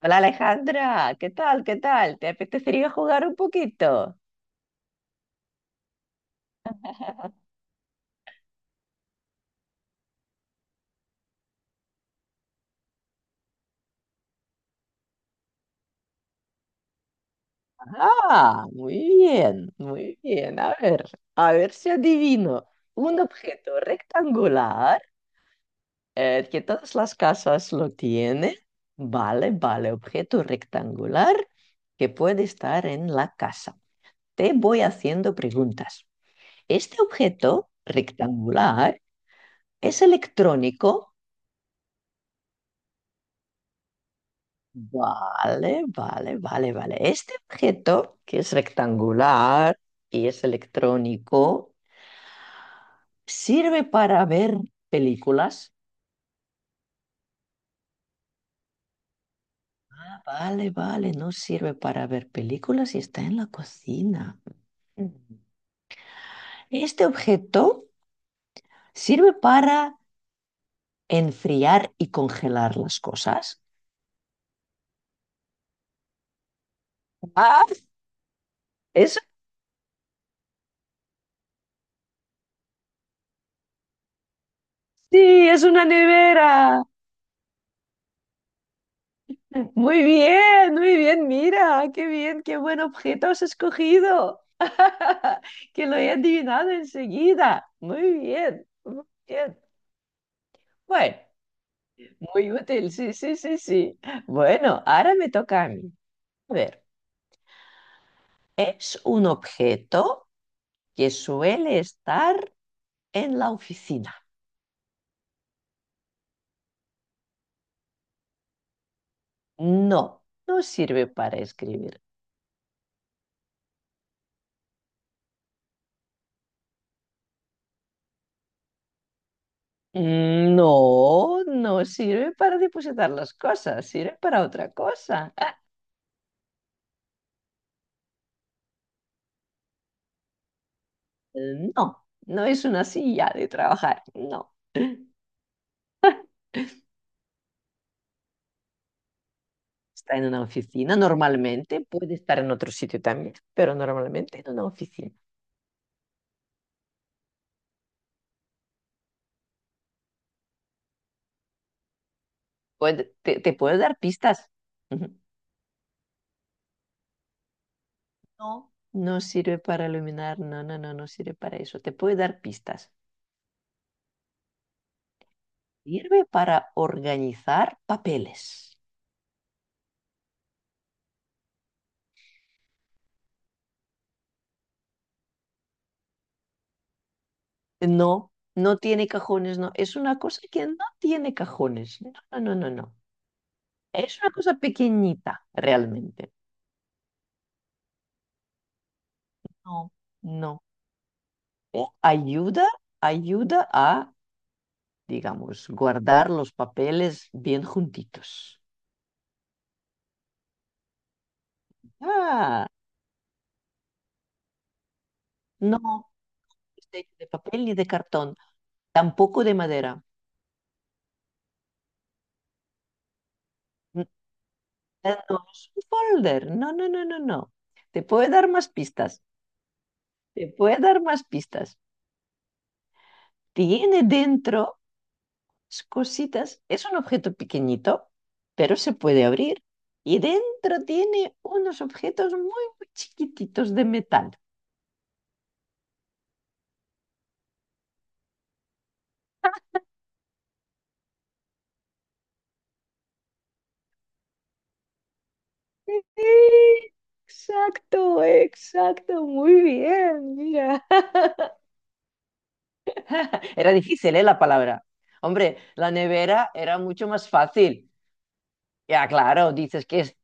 Hola, Alejandra, ¿qué tal? ¿Qué tal? ¿Te apetecería jugar un poquito? Ah, muy bien, muy bien. A ver si adivino. Un objeto rectangular que todas las casas lo tienen. Vale, vale, objeto rectangular que puede estar en la casa. Te voy haciendo preguntas. Este objeto rectangular es electrónico. Vale, vale, vale, vale. Este objeto, que es rectangular y es electrónico, ¿sirve para ver películas? Vale, vale, no sirve para ver películas y está en la cocina. Mm. Este objeto sirve para enfriar y congelar las cosas. Ah, eso sí, es una nevera. Muy bien, mira, qué bien, qué buen objeto has escogido. Que lo he adivinado enseguida. Muy bien, muy bien. Bueno, muy útil, sí, sí, sí, sí. Bueno, ahora me toca a mí. A ver, es un objeto que suele estar en la oficina. No, no sirve para escribir. No, no sirve para depositar las cosas, sirve para otra cosa. Ah, no, no es una silla de trabajar, no. Está en una oficina normalmente, puede estar en otro sitio también, pero normalmente en una oficina. Te, puede dar pistas. Ujú. No. No sirve para iluminar, no, no, no, no sirve para eso. Te puede dar pistas. Sirve para organizar papeles. No, no tiene cajones, no. Es una cosa que no tiene cajones. No, no, no, no, no. Es una cosa pequeñita, realmente. No. No. Ayuda, ayuda a, digamos, guardar los papeles bien juntitos. Ah, no está hecho de papel ni de cartón, tampoco de madera. No es un folder. No, no, no, no, no. Te puede dar más pistas. Te puede dar más pistas. Tiene dentro cositas. Es un objeto pequeñito, pero se puede abrir. Y dentro tiene unos objetos muy, muy chiquititos de metal. Exacto, exacto, muy bien, mira. Era difícil, ¿eh? La palabra. Hombre, la nevera era mucho más fácil. Ya, claro, dices que es...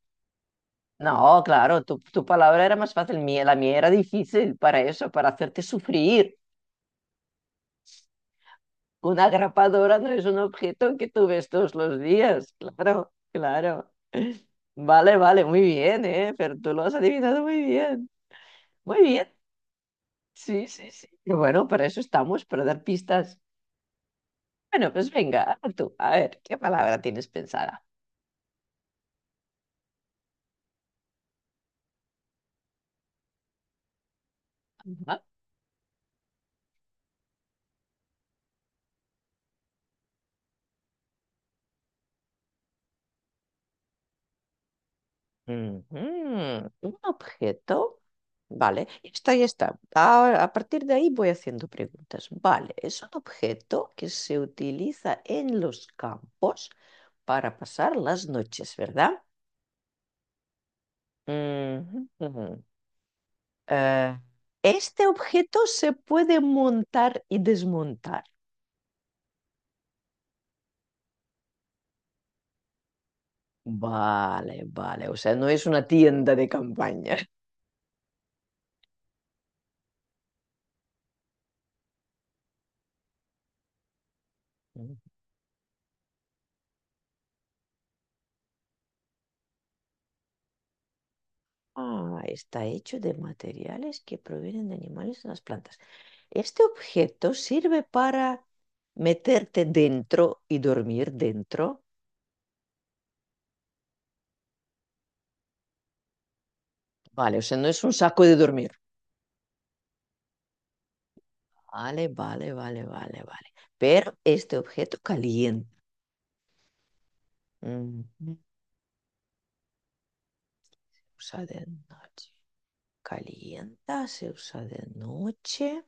No, claro, tu palabra era más fácil. La mía era difícil para eso, para hacerte sufrir. Una grapadora no es un objeto que tú ves todos los días. Claro, claro. Vale, vale, muy bien, ¿eh? Pero tú lo has adivinado muy bien. Muy bien. Sí, sí, sí. Y bueno, para eso estamos, para dar pistas. Bueno, pues venga, a tú, a ver, ¿qué palabra tienes pensada? Ajá. Ujú. Un objeto. Vale, y está, ya está. Ahora, a partir de ahí voy haciendo preguntas. Vale, es un objeto que se utiliza en los campos para pasar las noches, ¿verdad? Ujú, ujú. Eh, este objeto se puede montar y desmontar. Vale, vale. O sea, no es una tienda de campaña. Mm. Ah, está hecho de materiales que provienen de animales en las plantas. Este objeto sirve para meterte dentro y dormir dentro. Vale, o sea, no es un saco de dormir. Vale, vale, vale, vale, vale. Pero este objeto calienta. Ujú. Se usa de noche. Calienta, se usa de noche.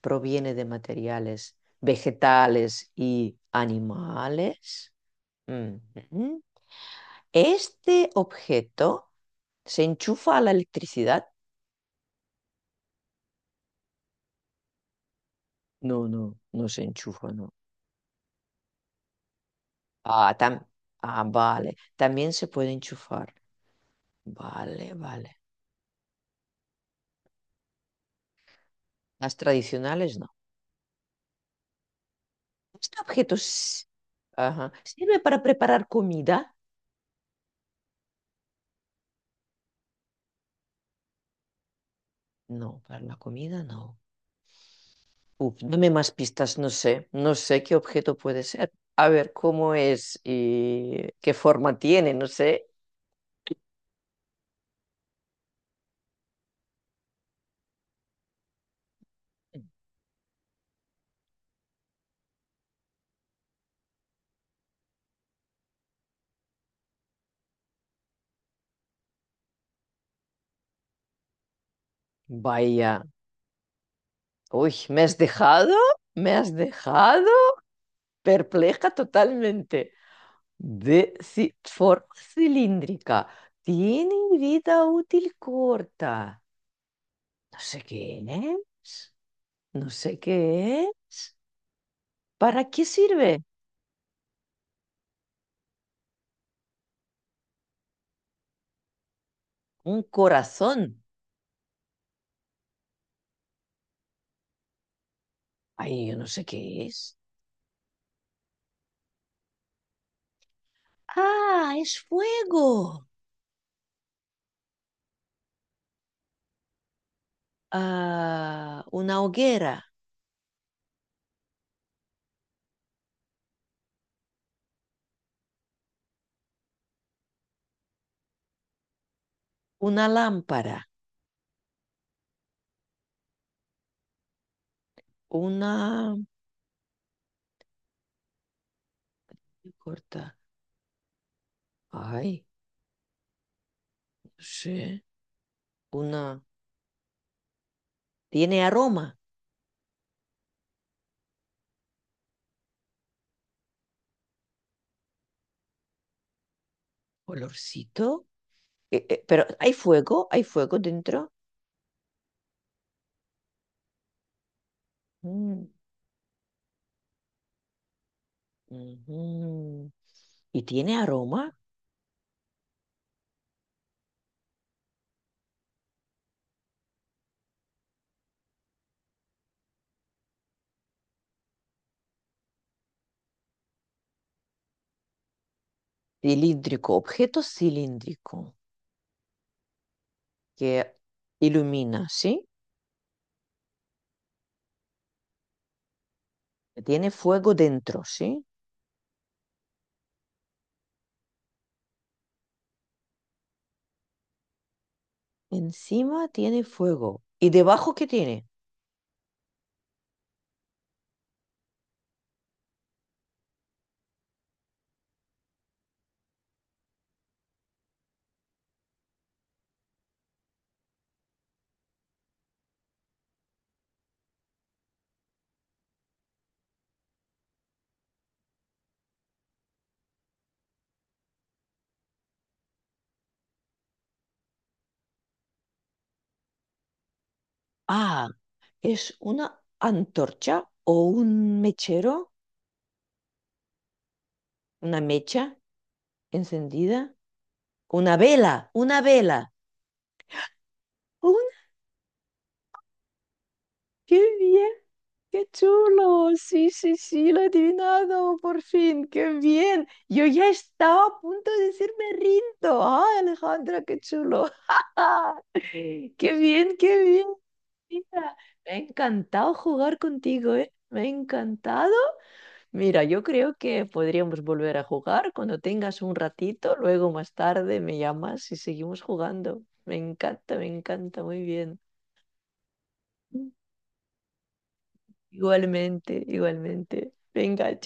Proviene de materiales vegetales y animales. Mm -hmm. ¿Este objeto se enchufa a la electricidad? No, no, no se enchufa, no. Ah, tam Ah, vale. También se puede enchufar. Vale, vale. Las tradicionales no. ¿Este objeto s- Ajá. ¿Sirve para preparar comida? No, para la comida no. Uf, dame más pistas, no sé, no sé qué objeto puede ser. A ver cómo es y qué forma tiene, no sé. Vaya, uy, ¿me has dejado? ¿Me has dejado? Perpleja totalmente. Forma cilíndrica, tiene vida útil corta. No sé qué es, no sé qué es. ¿Para qué sirve? Un corazón. Ay, yo no sé qué es. Ah, es fuego. Ah, una hoguera, una lámpara, una... ¿qué corta? Ay, no sé. Una... Tiene aroma, olorcito. Pero hay fuego dentro. Mm, ujú. Y tiene aroma cilíndrico, objeto cilíndrico que ilumina, ¿sí? Que tiene fuego dentro, ¿sí? Encima tiene fuego. ¿Y debajo qué tiene? Ah, es una antorcha o un mechero, una mecha encendida, una vela, una vela. ¡Oh! ¡Qué bien! ¡Qué chulo! Sí, sí, sí, lo he adivinado por fin. ¡Qué bien! Yo ya estaba a punto de decirme rindo. ¡Ay, Alejandra, qué chulo! ¡Qué bien, qué bien! Mira, me ha encantado jugar contigo, ¿eh? Me ha encantado. Mira, yo creo que podríamos volver a jugar cuando tengas un ratito, luego más tarde me llamas y seguimos jugando. Me encanta, muy bien. Igualmente, igualmente. Venga,